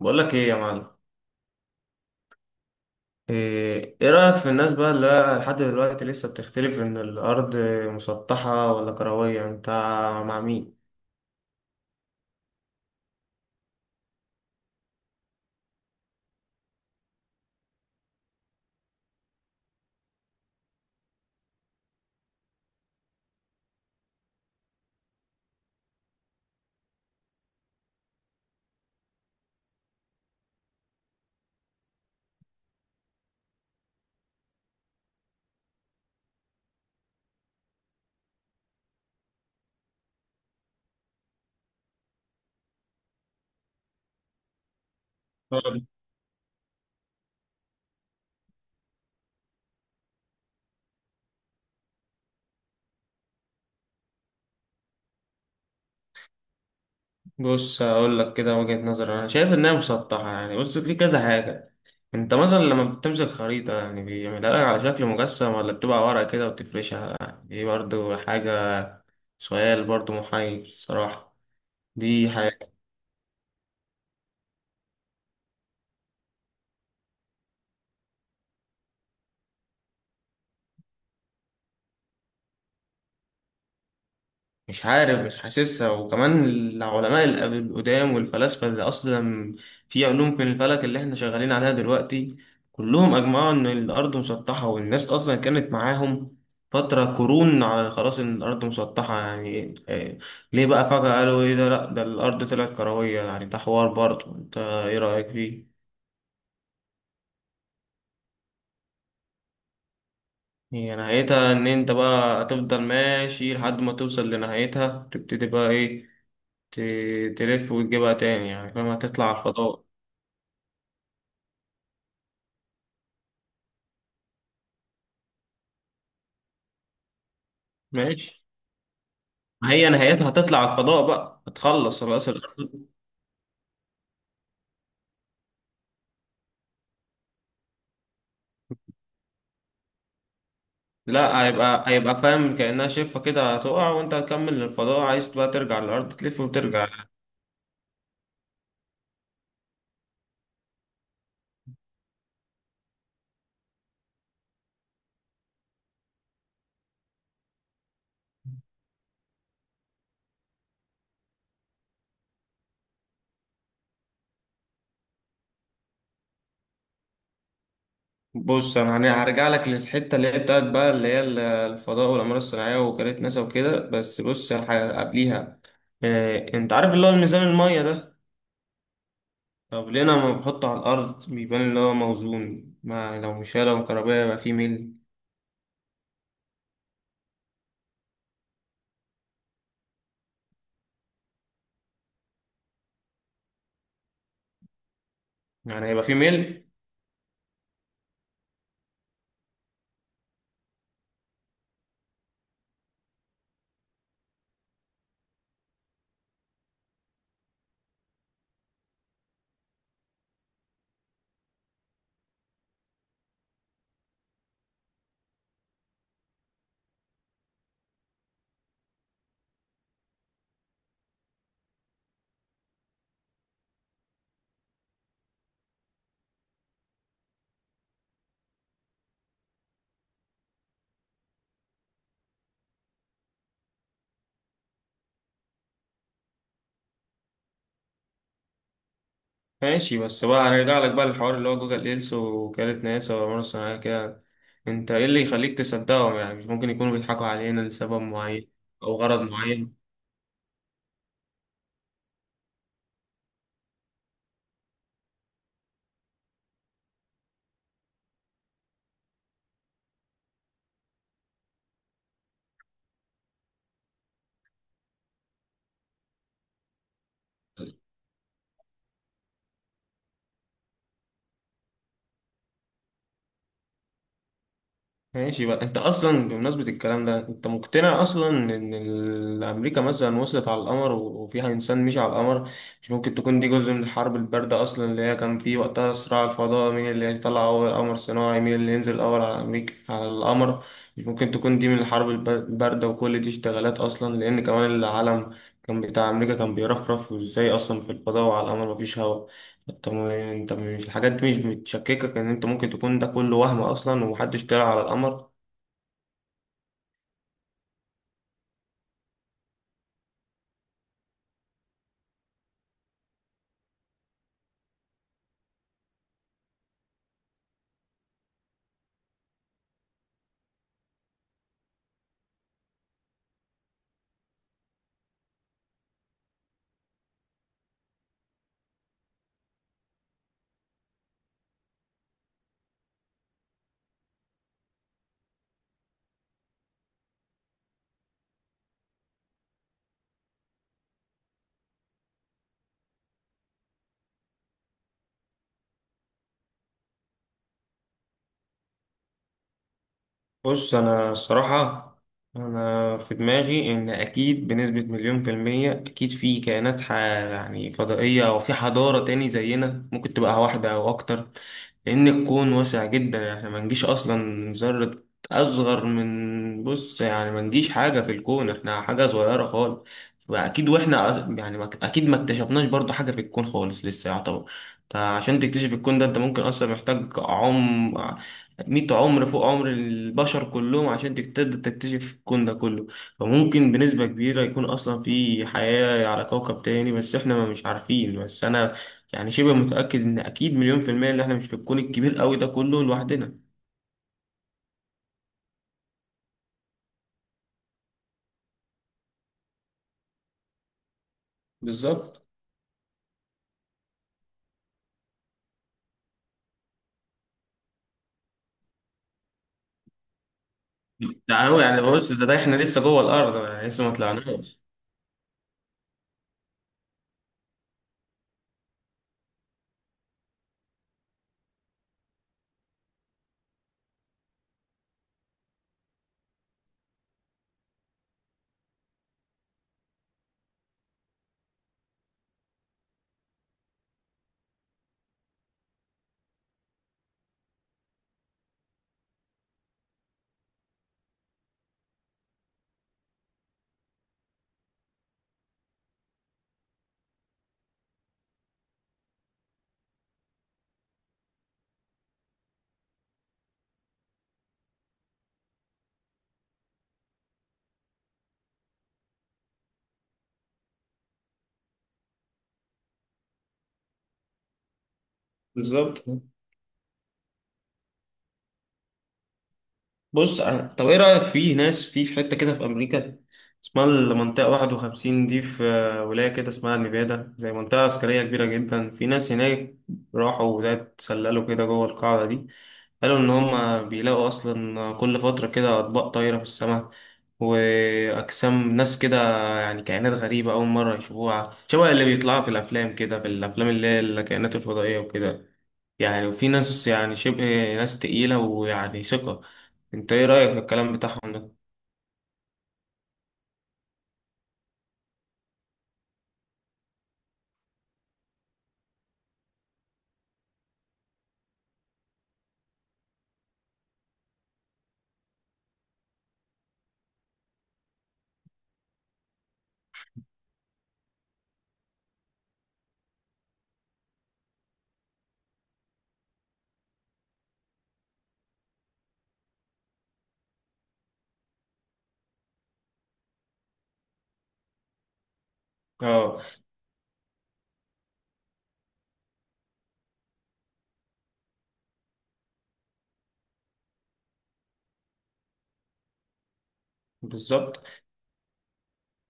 بقول لك ايه يا معلم. ايه رأيك في الناس بقى اللي لحد دلوقتي لسه بتختلف ان الارض مسطحة ولا كروية؟ انت مع مين؟ طيب. بص هقول لك كده وجهة نظر، انا شايف انها مسطحة. يعني بص في كذا حاجة. انت مثلا لما بتمسك خريطة يعني بيعملها لك على شكل مجسم ولا بتبقى ورقة كده وبتفرشها؟ دي برضو حاجة، سؤال برضو محير الصراحة. دي حاجة. مش عارف مش حاسسها. وكمان العلماء القدام والفلاسفة اللي أصلا في علوم في الفلك اللي احنا شغالين عليها دلوقتي، كلهم أجمعوا إن الأرض مسطحة، والناس أصلا كانت معاهم فترة قرون على خلاص إن الأرض مسطحة. يعني ليه بقى فجأة قالوا إيه ده؟ لأ، ده الأرض طلعت كروية؟ يعني ده حوار برضه، أنت إيه رأيك فيه؟ هي نهايتها إن أنت بقى هتفضل ماشي لحد ما توصل لنهايتها، تبتدي بقى إيه، تلف وتجيبها تاني، يعني فاهم؟ هتطلع على الفضاء. ماشي. ما هي نهايتها هتطلع على الفضاء، بقى هتخلص خلاص الأرض. لا، هيبقى فاهم كأنها شفة كده، هتقع وانت هتكمل للفضاء. عايز بقى ترجع للأرض، تلف وترجع. بص انا هرجع لك للحتة اللي هي بتاعت بقى اللي هي الفضاء والأقمار الصناعية وكالة ناسا وكده. بس بص قبليها، انت عارف اللي هو الميزان المية ده؟ طب ليه انا لما بحطه على الأرض بيبان اللي هو موزون؟ ما لو مش لو كهربائي يبقى فيه ميل، يعني هيبقى فيه ميل. ماشي، بس بقى هنرجع لك بقى للحوار اللي هو جوجل لينس، وكالة ناسا ومرة صناعية كده. انت ايه اللي يخليك تصدقهم؟ يعني مش ممكن يكونوا بيضحكوا علينا لسبب معين او غرض معين؟ ماشي بقى، انت اصلا بمناسبة الكلام ده، انت مقتنع اصلا ان امريكا مثلا وصلت على القمر وفيها انسان مشي على القمر؟ مش ممكن تكون دي جزء من الحرب الباردة اصلا؟ اللي هي كان في وقتها صراع الفضاء، مين اللي هيطلع اول قمر صناعي، مين اللي ينزل اول على امريكا على القمر. مش ممكن تكون دي من الحرب الباردة وكل دي اشتغالات اصلا؟ لان كمان العالم كان بتاع امريكا كان بيرفرف، وازاي اصلا في الفضاء وعلى القمر مفيش هواء. انت انت مش الحاجات دي مش بتشككك ان انت ممكن تكون ده كله وهم اصلا ومحدش طلع على القمر؟ بص أنا الصراحة، أنا في دماغي إن أكيد بنسبة مليون في المية أكيد في كائنات يعني فضائية، أو في حضارة تاني زينا، ممكن تبقى واحدة أو أكتر. لأن الكون واسع جدا، إحنا ما نجيش أصلا ذرة أصغر من، بص يعني ما نجيش حاجة في الكون، إحنا حاجة صغيرة خالص. فأكيد وإحنا يعني أكيد ما اكتشفناش برضو حاجة في الكون خالص لسه يعتبر. أنت عشان تكتشف الكون ده، أنت ممكن أصلا محتاج عمر مية عمر فوق عمر البشر كلهم عشان تقدر تكتشف الكون ده كله. فممكن بنسبة كبيرة يكون أصلا في حياة على كوكب تاني، بس إحنا ما مش عارفين. بس أنا يعني شبه متأكد إن أكيد مليون في المية إن إحنا مش في الكون الكبير أوي ده كله لوحدنا. بالظبط. ده هو يعني، بص ده إحنا لسه جوه الأرض، يعني لسه ما طلعناش. بالظبط. طب ايه رأيك في ناس في في حتة كده في امريكا اسمها المنطقة 51 دي، في ولاية كده اسمها نيفادا، زي منطقة عسكرية كبيرة جدا. في ناس هناك راحوا زي اتسللوا كده جوه القاعدة دي، قالوا ان هم بيلاقوا اصلا كل فترة كده اطباق طايرة في السماء واجسام ناس كده، يعني كائنات غريبة اول مرة يشوفوها، شبه اللي بيطلعوا في الافلام كده، في الافلام اللي هي الكائنات الفضائية وكده. يعني وفي ناس يعني شبه ناس تقيلة ويعني ثقة. انت ايه رأيك في الكلام بتاعهم ده؟ اه، بالظبط.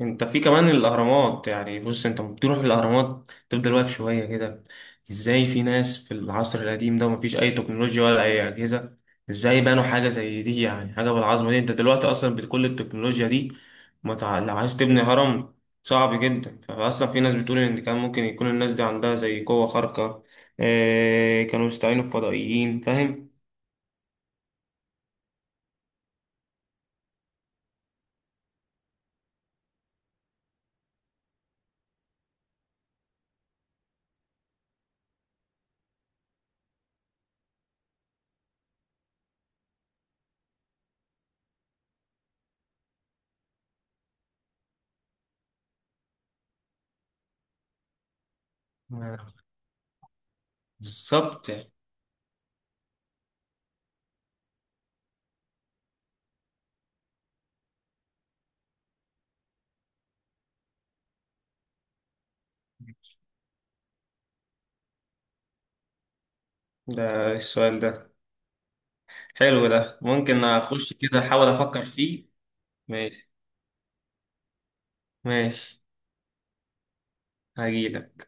انت في كمان الاهرامات، يعني بص انت بتروح الاهرامات تفضل واقف شويه كده، ازاي في ناس في العصر القديم ده مفيش اي تكنولوجيا ولا اي اجهزه، ازاي بنوا حاجه زي دي؟ يعني حاجه بالعظمه دي، انت دلوقتي اصلا بكل التكنولوجيا دي ما تع... لو عايز تبني هرم صعب جدا. فاصلا في ناس بتقول ان كان ممكن يكون الناس دي عندها زي قوه خارقه، اه... كانوا يستعينوا بفضائيين، فاهم؟ آه، بالظبط. ده السؤال ده حلو، ده ممكن اخش كده احاول افكر فيه. ماشي، ماشي، هجيلك.